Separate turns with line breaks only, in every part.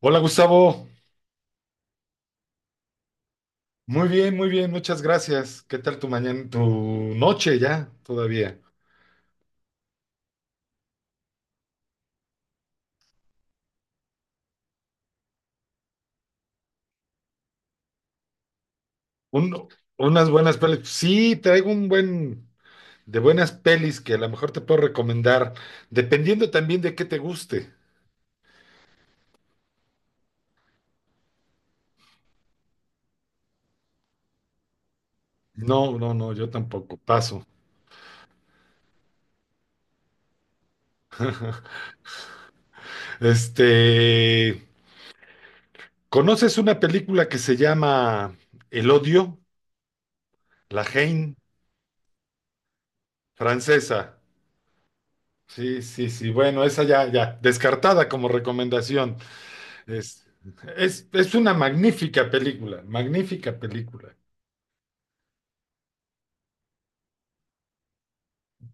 Hola Gustavo, muy bien, muchas gracias. ¿Qué tal tu mañana, tu noche ya todavía? Un- Unas buenas pelis. Sí, traigo un buen de buenas pelis que a lo mejor te puedo recomendar, dependiendo también de qué te guste. No, no, no, yo tampoco, paso. Este, ¿conoces una película que se llama El Odio? La Haine, francesa. Sí, sí, sí, bueno, esa ya, ya, descartada como recomendación. Es, es una magnífica película, magnífica película.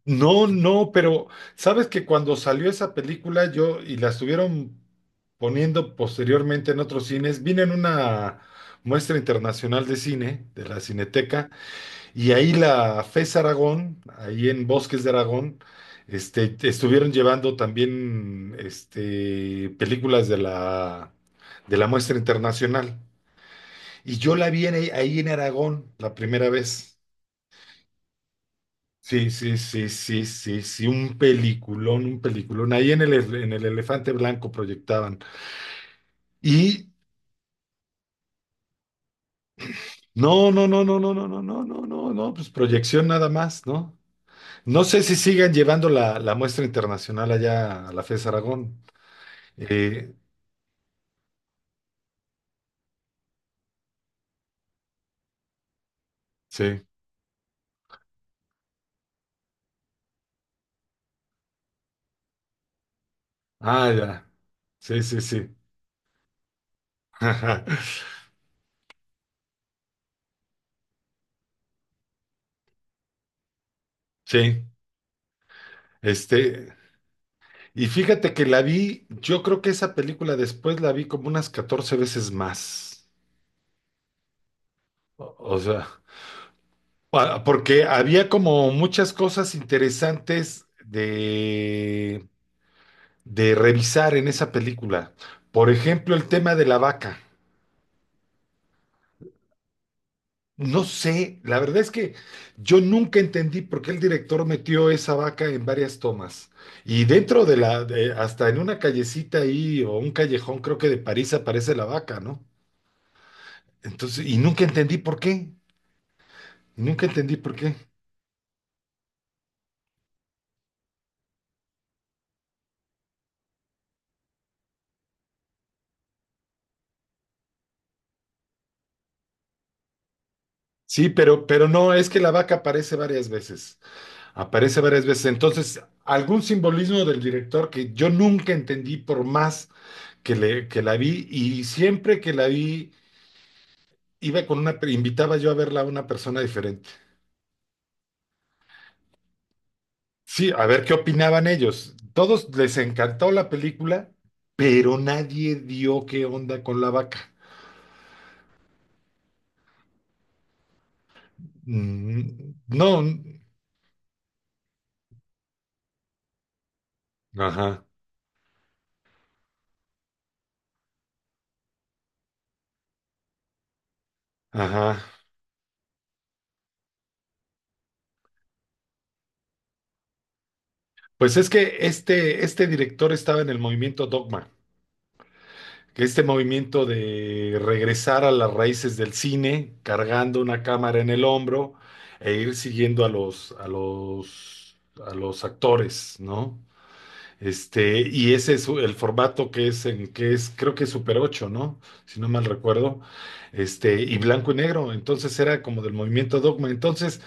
No, no, pero sabes que cuando salió esa película yo y la estuvieron poniendo posteriormente en otros cines, vine en una muestra internacional de cine de la Cineteca y ahí la FES Aragón, ahí en Bosques de Aragón, este, estuvieron llevando también este, películas de la muestra internacional. Y yo la vi ahí en Aragón la primera vez. Sí, sí, sí, sí, sí, sí, un peliculón, un peliculón. Ahí en el, en el Elefante Blanco proyectaban. Y no, no, no, no, no, no, no, no, no, no, no, pues proyección nada más, ¿no? No sé si sigan llevando la muestra internacional allá a la FES Aragón. Eh, sí, ah, ya. Sí, sí, sí. Sí, este. Y fíjate que la vi, yo creo que esa película después la vi como unas 14 veces más. O o sea, porque había como muchas cosas interesantes de revisar en esa película. Por ejemplo, el tema de la vaca. No sé, la verdad es que yo nunca entendí por qué el director metió esa vaca en varias tomas. Y dentro de hasta en una callecita ahí o un callejón, creo que de París aparece la vaca, ¿no? Entonces, y nunca entendí por qué. Nunca entendí por qué. Sí, pero no, es que la vaca aparece varias veces. Aparece varias veces. Entonces, algún simbolismo del director que yo nunca entendí por más que, que la vi y siempre que la vi, iba con una, invitaba yo a verla a una persona diferente. Sí, a ver qué opinaban ellos. Todos les encantó la película, pero nadie dio qué onda con la vaca. Mm, no, ajá, ajá. Pues es que este director estaba en el movimiento Dogma, que este movimiento de regresar a las raíces del cine, cargando una cámara en el hombro e ir siguiendo a a los actores, ¿no? Este, y ese es el formato que es en que es, creo que es Super ocho, ¿no? Si no mal recuerdo. Este, y blanco y negro. Entonces era como del movimiento Dogma. Entonces,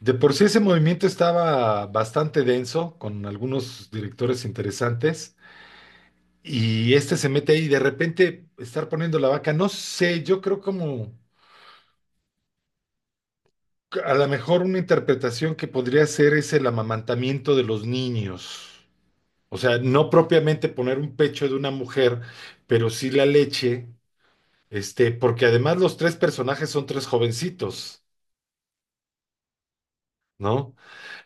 de por sí ese movimiento estaba bastante denso, con algunos directores interesantes, y este se mete ahí y de repente estar poniendo la vaca, no sé, yo creo como que a lo mejor una interpretación que podría ser es el amamantamiento de los niños. O sea, no propiamente poner un pecho de una mujer, pero sí la leche, este, porque además los tres personajes son tres jovencitos. ¿No?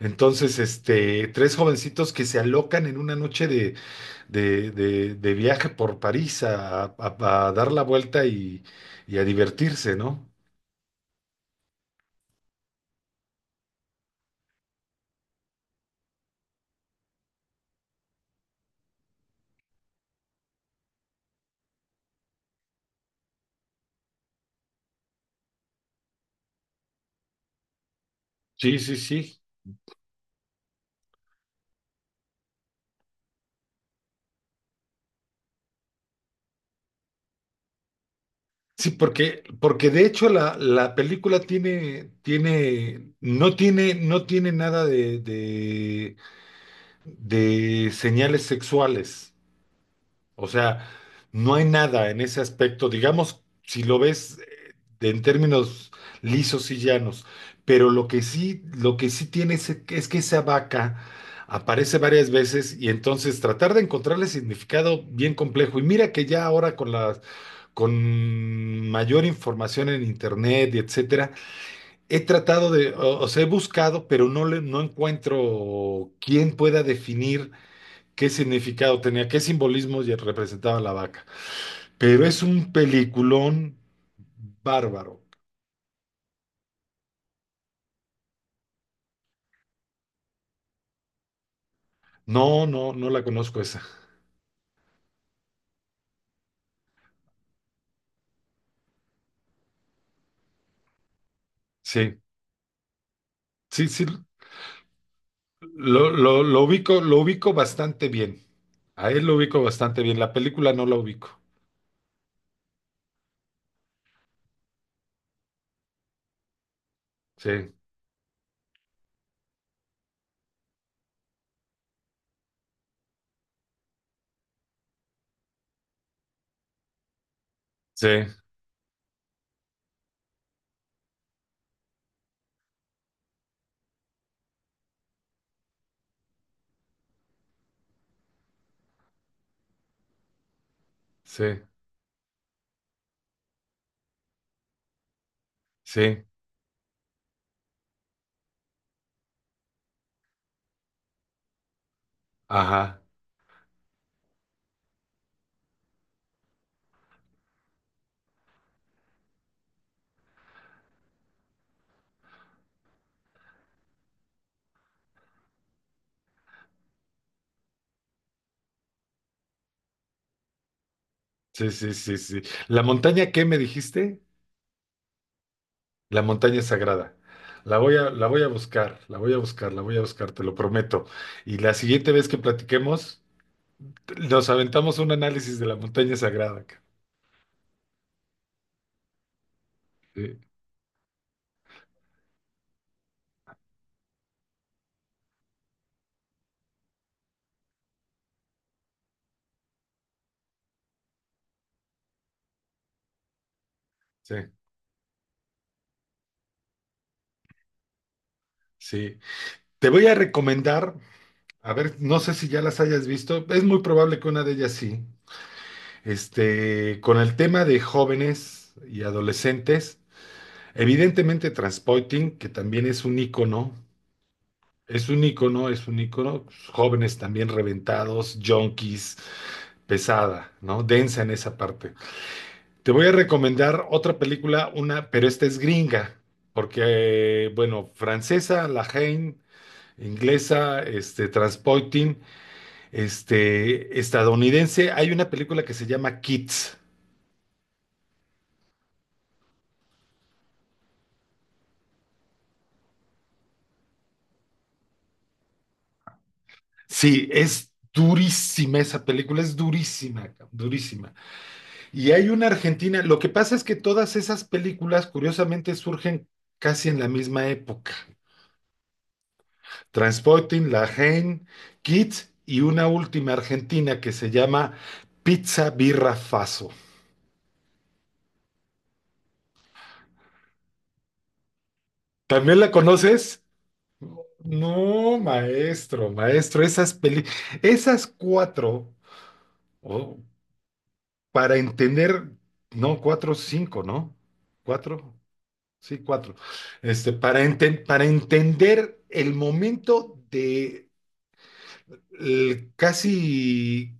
Entonces, este, tres jovencitos que se alocan en una noche de viaje por París a dar la vuelta y a divertirse, ¿no? Sí, sí, sí. Sí, porque, porque de hecho la película tiene, tiene, no tiene nada de señales sexuales. O sea, no hay nada en ese aspecto, digamos, si lo ves en términos lisos y llanos, pero lo que sí tiene es que esa vaca aparece varias veces y entonces tratar de encontrarle significado bien complejo. Y mira que ya ahora con mayor información en internet y etcétera, he tratado de, o sea, he buscado, pero no encuentro quién pueda definir qué significado tenía, qué simbolismos y representaba la vaca. Pero es un peliculón bárbaro. No, no, no la conozco esa. Sí, sí, sí, lo ubico bastante bien. A él lo ubico bastante bien. La película no la ubico. Sí, sí, sí, sí. Ajá. Sí, sí, sí, sí. ¿La montaña qué me dijiste? La montaña sagrada. La voy a buscar, la voy a buscar, la voy a buscar, te lo prometo. Y la siguiente vez que platiquemos, nos aventamos un análisis de la montaña sagrada. Sí, sí, sí. Te voy a recomendar, a ver, no sé si ya las hayas visto, es muy probable que una de ellas sí. Este, con el tema de jóvenes y adolescentes, evidentemente Transporting, que también es un ícono, es un ícono, jóvenes también reventados, junkies, pesada, ¿no? Densa en esa parte. Te voy a recomendar otra película, una, pero esta es gringa, porque, bueno, francesa, La Haine, inglesa, este, Transporting, este, estadounidense. Hay una película que se llama Kids. Sí, es durísima esa película, es durísima, cabrón, durísima. Y hay una argentina, lo que pasa es que todas esas películas, curiosamente, surgen casi en la misma época. Transporting, La Haine, Kids y una última argentina que se llama Pizza Birra Faso. ¿También la conoces? No, maestro, maestro, esas cuatro, oh, para entender, no, cuatro, cinco, ¿no? Cuatro, sí, cuatro. Este, para entender el momento de el casi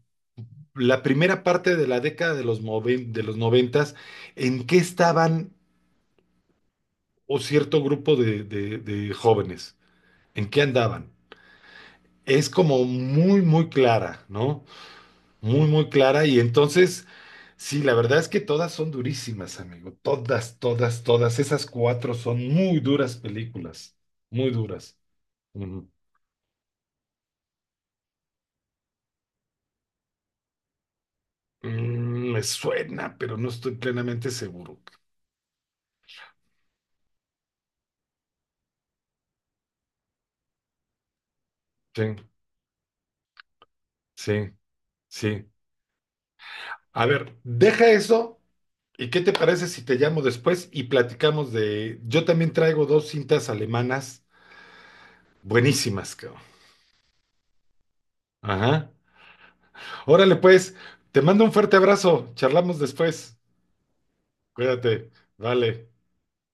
la primera parte de la década de de los noventas, ¿en qué estaban o cierto grupo de, de jóvenes? ¿En qué andaban? Es como muy, muy clara, ¿no? Muy, muy clara. Y entonces, sí, la verdad es que todas son durísimas, amigo. Todas, todas, todas. Esas cuatro son muy duras películas. Muy duras. Ujú. Mm, me suena, pero no estoy plenamente seguro. Sí, sí, sí. A ver, deja eso. ¿Y qué te parece si te llamo después y platicamos de... Yo también traigo dos cintas alemanas buenísimas, cabrón. Ajá. Órale, pues, te mando un fuerte abrazo. Charlamos después. Cuídate. Vale.